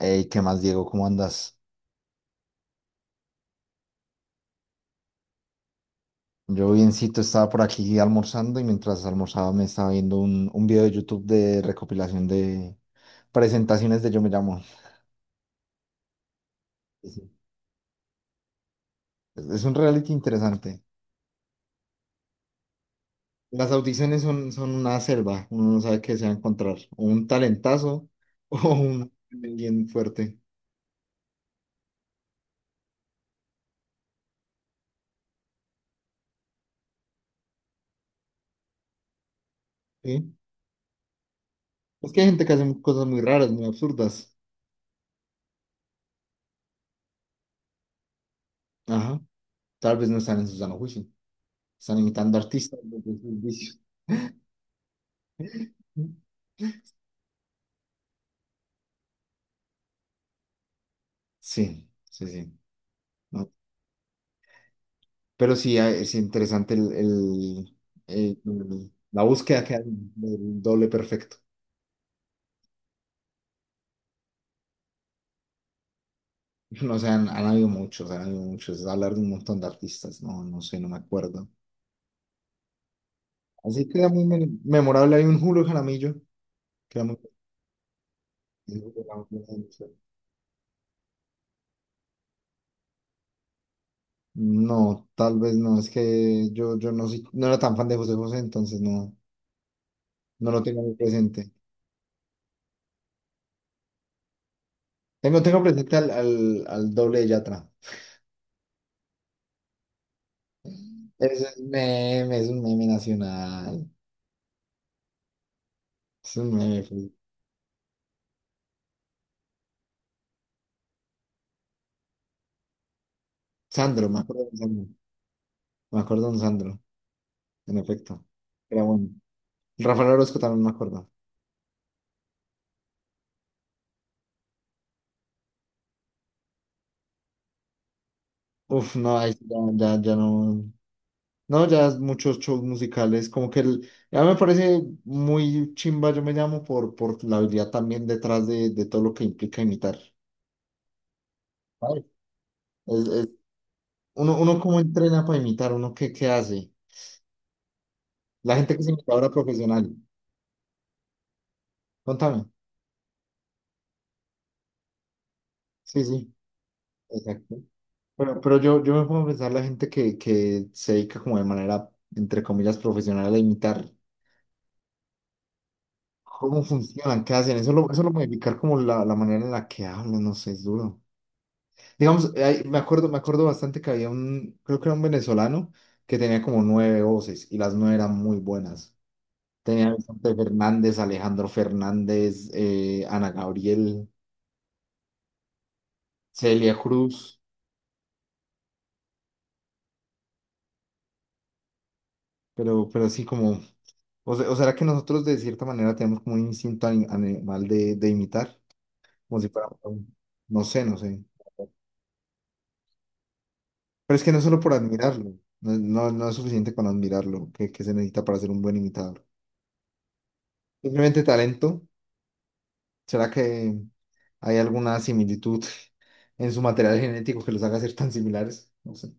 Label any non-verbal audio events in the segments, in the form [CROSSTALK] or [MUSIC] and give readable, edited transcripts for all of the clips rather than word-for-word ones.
Ey, ¿qué más, Diego? ¿Cómo andas? Yo biencito, estaba por aquí almorzando y mientras almorzaba me estaba viendo un video de YouTube de recopilación de presentaciones de Yo Me Llamo. Sí, sí. Es un reality interesante. Las audiciones son una selva, uno no sabe qué se va a encontrar, o un talentazo [LAUGHS] o un alguien fuerte. ¿Sí? Es que hay gente que hace cosas muy raras, muy absurdas. Ajá. Tal vez no están en su sano juicio, están imitando artistas desde sus vicios. [LAUGHS] Sí, sí, sí. No, pero sí, ah, es interesante la búsqueda que hay del doble perfecto. [LAUGHS] No sé, han habido muchos, han habido muchos. Hablar de un montón de artistas, no sé, no me acuerdo. Así que era muy memorable. Hay un Julio Jaramillo, que era muy. No, tal vez no, es que yo no, no era tan fan de José José, entonces no lo tengo muy presente. Tengo presente al doble de Yatra. Es un meme nacional. Es un meme. Sandro, me acuerdo de Sandro. Me acuerdo de un Sandro, en efecto. Era bueno. Rafael Orozco también me acuerdo. Uf, no, ahí sí ya, ya, ya no. No, ya es muchos shows musicales. Como que ya me parece muy chimba, yo me llamo, por la habilidad también detrás de todo lo que implica imitar. ¿Sabes? Es, es- uno cómo entrena para imitar, uno qué hace. La gente que es imitadora profesional. Contame. Sí, sí, exacto. Pero yo me pongo a pensar la gente que se dedica como de manera, entre comillas, profesional a imitar cómo funcionan, qué hacen. Eso lo modificar como la manera en la que hablan, no sé, es duro. Digamos, me acuerdo bastante que había un, creo que era un venezolano que tenía como nueve voces y las nueve eran muy buenas. Tenía Vicente Fernández, Alejandro Fernández, Ana Gabriel, Celia Cruz, pero así como. O sea, o será que nosotros de cierta manera tenemos como un instinto animal de imitar, como si fuera, no sé. Pero es que no es solo por admirarlo, no, no, no es suficiente con admirarlo, que se necesita para ser un buen imitador. Simplemente talento, ¿será que hay alguna similitud en su material genético que los haga ser tan similares? No sé.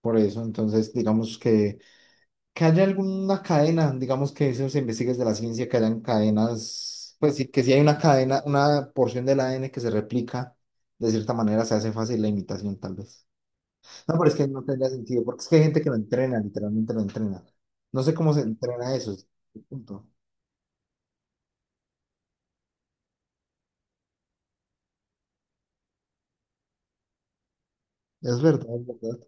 Por eso, entonces, digamos que haya alguna cadena, digamos que eso se investiga desde la ciencia, que hayan cadenas, pues sí, que si hay una cadena, una porción del ADN que se replica, de cierta manera se hace fácil la imitación, tal vez. No, pero es que no tendría sentido, porque es que hay gente que lo entrena, literalmente lo entrena. No sé cómo se entrena eso, es el punto. Es verdad, es verdad.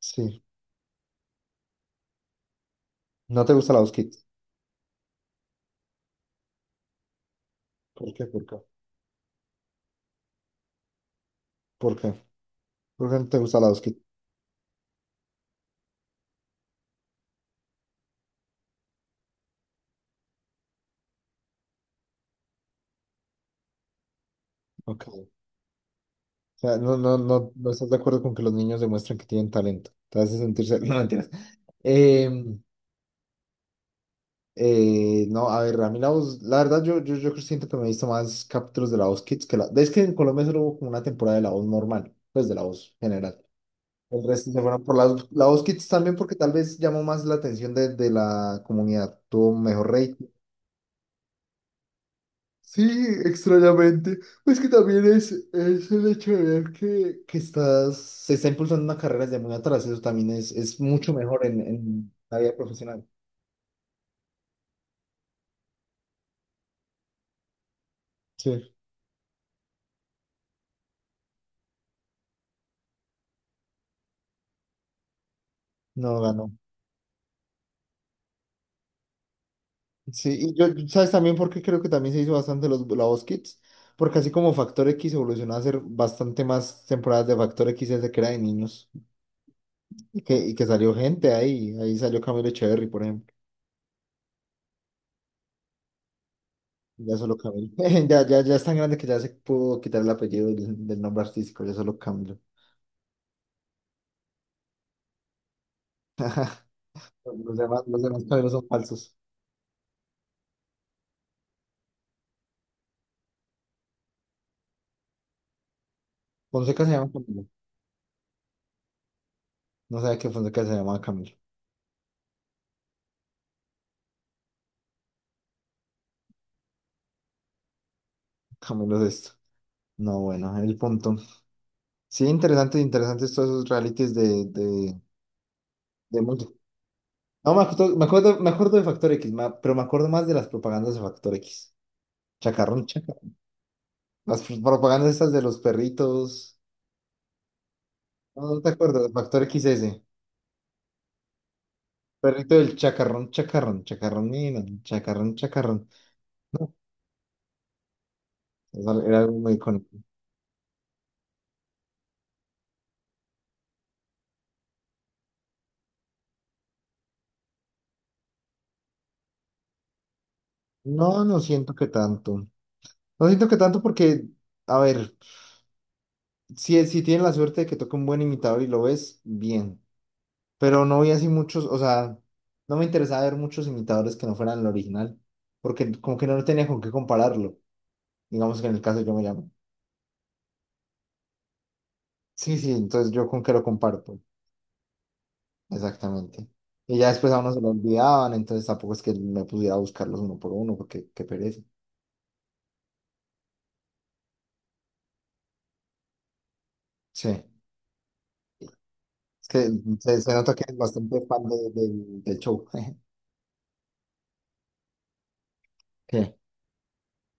Sí. ¿No te gusta la Kit? ¿Por qué? ¿Por qué? ¿Por qué? ¿Por qué no te gusta la Kit? Ok. O sea, no, no, no, no estás de acuerdo con que los niños demuestren que tienen talento. Te hace sentirse. [LAUGHS] No, mentiras. Eh, no, a ver, a mí la voz, la verdad yo siento que me he visto más capítulos de la voz Kids que la. Es que en Colombia solo hubo como una temporada de la voz normal, pues de la voz general. El resto se fueron por la voz Kids también porque tal vez llamó más la atención de la comunidad, tuvo mejor rating. Sí, extrañamente. Pues que también es el hecho de ver que estás, se está impulsando una carrera desde muy atrás, eso también es mucho mejor en la vida profesional. Sí. No ganó. Sí, y yo, ¿sabes también por qué creo que también se hizo bastante la voz Kids? Porque así como Factor X evolucionó a ser bastante más temporadas de Factor X desde que era de niños y que salió gente ahí salió Camilo Echeverry, por ejemplo. Ya solo Camilo. [LAUGHS] Ya, ya, ya es tan grande que ya se pudo quitar el apellido del nombre artístico, ya solo Camilo. Los demás Camilo son falsos. Fonseca se llama Camilo. No sabía que Fonseca se llamaba Camilo. Camilo es esto. No, bueno, el punto. Sí, interesante, interesantes todos esos realities de música. No, me acuerdo de Factor X, pero me acuerdo más de las propagandas de Factor X. Chacarrón, chacarrón. Las propagandas estas de los perritos. No te acuerdas, Factor X XS. Perrito del chacarrón, chacarrón, chacarrón, mira, chacarrón, chacarrón. Eso era algo muy icónico. No, no siento que tanto. No siento que tanto porque, a ver, si tienes la suerte de que toque un buen imitador y lo ves, bien. Pero no vi así muchos, o sea, no me interesaba ver muchos imitadores que no fueran el original, porque como que no tenía con qué compararlo. Digamos que en el caso yo me llamo. Sí, sí, entonces yo con qué lo comparo, pues, exactamente. Y ya después a uno se lo olvidaban, entonces tampoco es que me pudiera buscarlos uno por uno, porque qué pereza. Sí, es que se nota que es bastante fan del show. [LAUGHS] ¿Qué?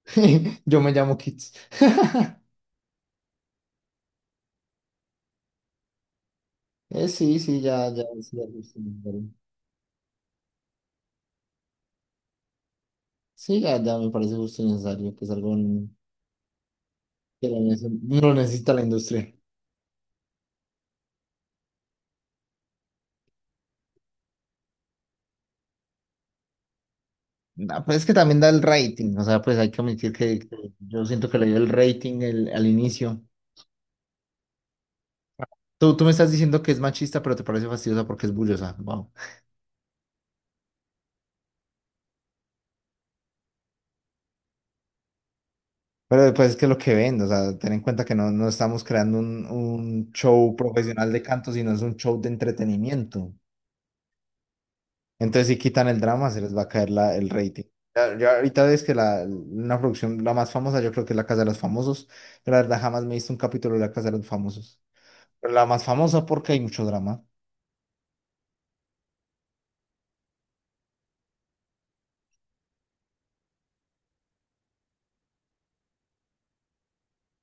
[LAUGHS] Yo me llamo Kids. [LAUGHS] Sí, sí, ya, ya, sí, ya, justo y necesario. Sí, ya, ya me parece justo y necesario que salga un, que lo nece- lo necesita la industria. No, pues es que también da el rating, o sea, pues hay que admitir que yo siento que le dio el rating el- al inicio. Tú me estás diciendo que es machista, pero te parece fastidiosa porque es bullosa, wow. Pero pues es que es lo que ven, o sea, ten en cuenta que no estamos creando un show profesional de canto, sino es un show de entretenimiento. Entonces si quitan el drama, se les va a caer el rating. Ya, ya ahorita ves que una producción, la más famosa, yo creo que es La Casa de los Famosos, pero la verdad jamás me he visto un capítulo de La Casa de los Famosos. La más famosa porque hay mucho drama.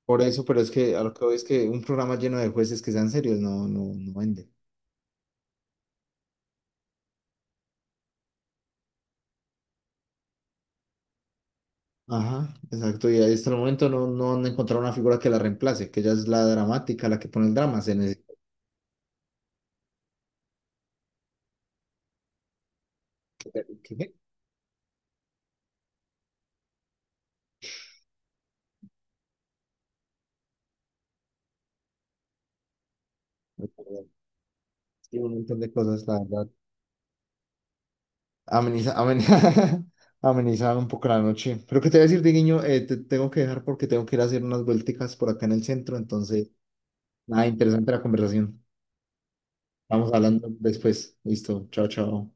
Por eso, pero es que a lo que voy es que un programa lleno de jueces que sean serios no, no, no vende. Ajá, exacto. Y hasta el momento no han encontrado una figura que la reemplace, que ella es la dramática, la que pone el drama. Se necesita ver ¿qué? Sí, un montón de cosas, la verdad. Ameniza, ameniza, [LAUGHS] ameniza un poco la noche. Pero que te voy a decir, Diguiño, te tengo que dejar porque tengo que ir a hacer unas vuelticas por acá en el centro. Entonces, nada, interesante la conversación. Vamos hablando después. Listo. Chao, chao.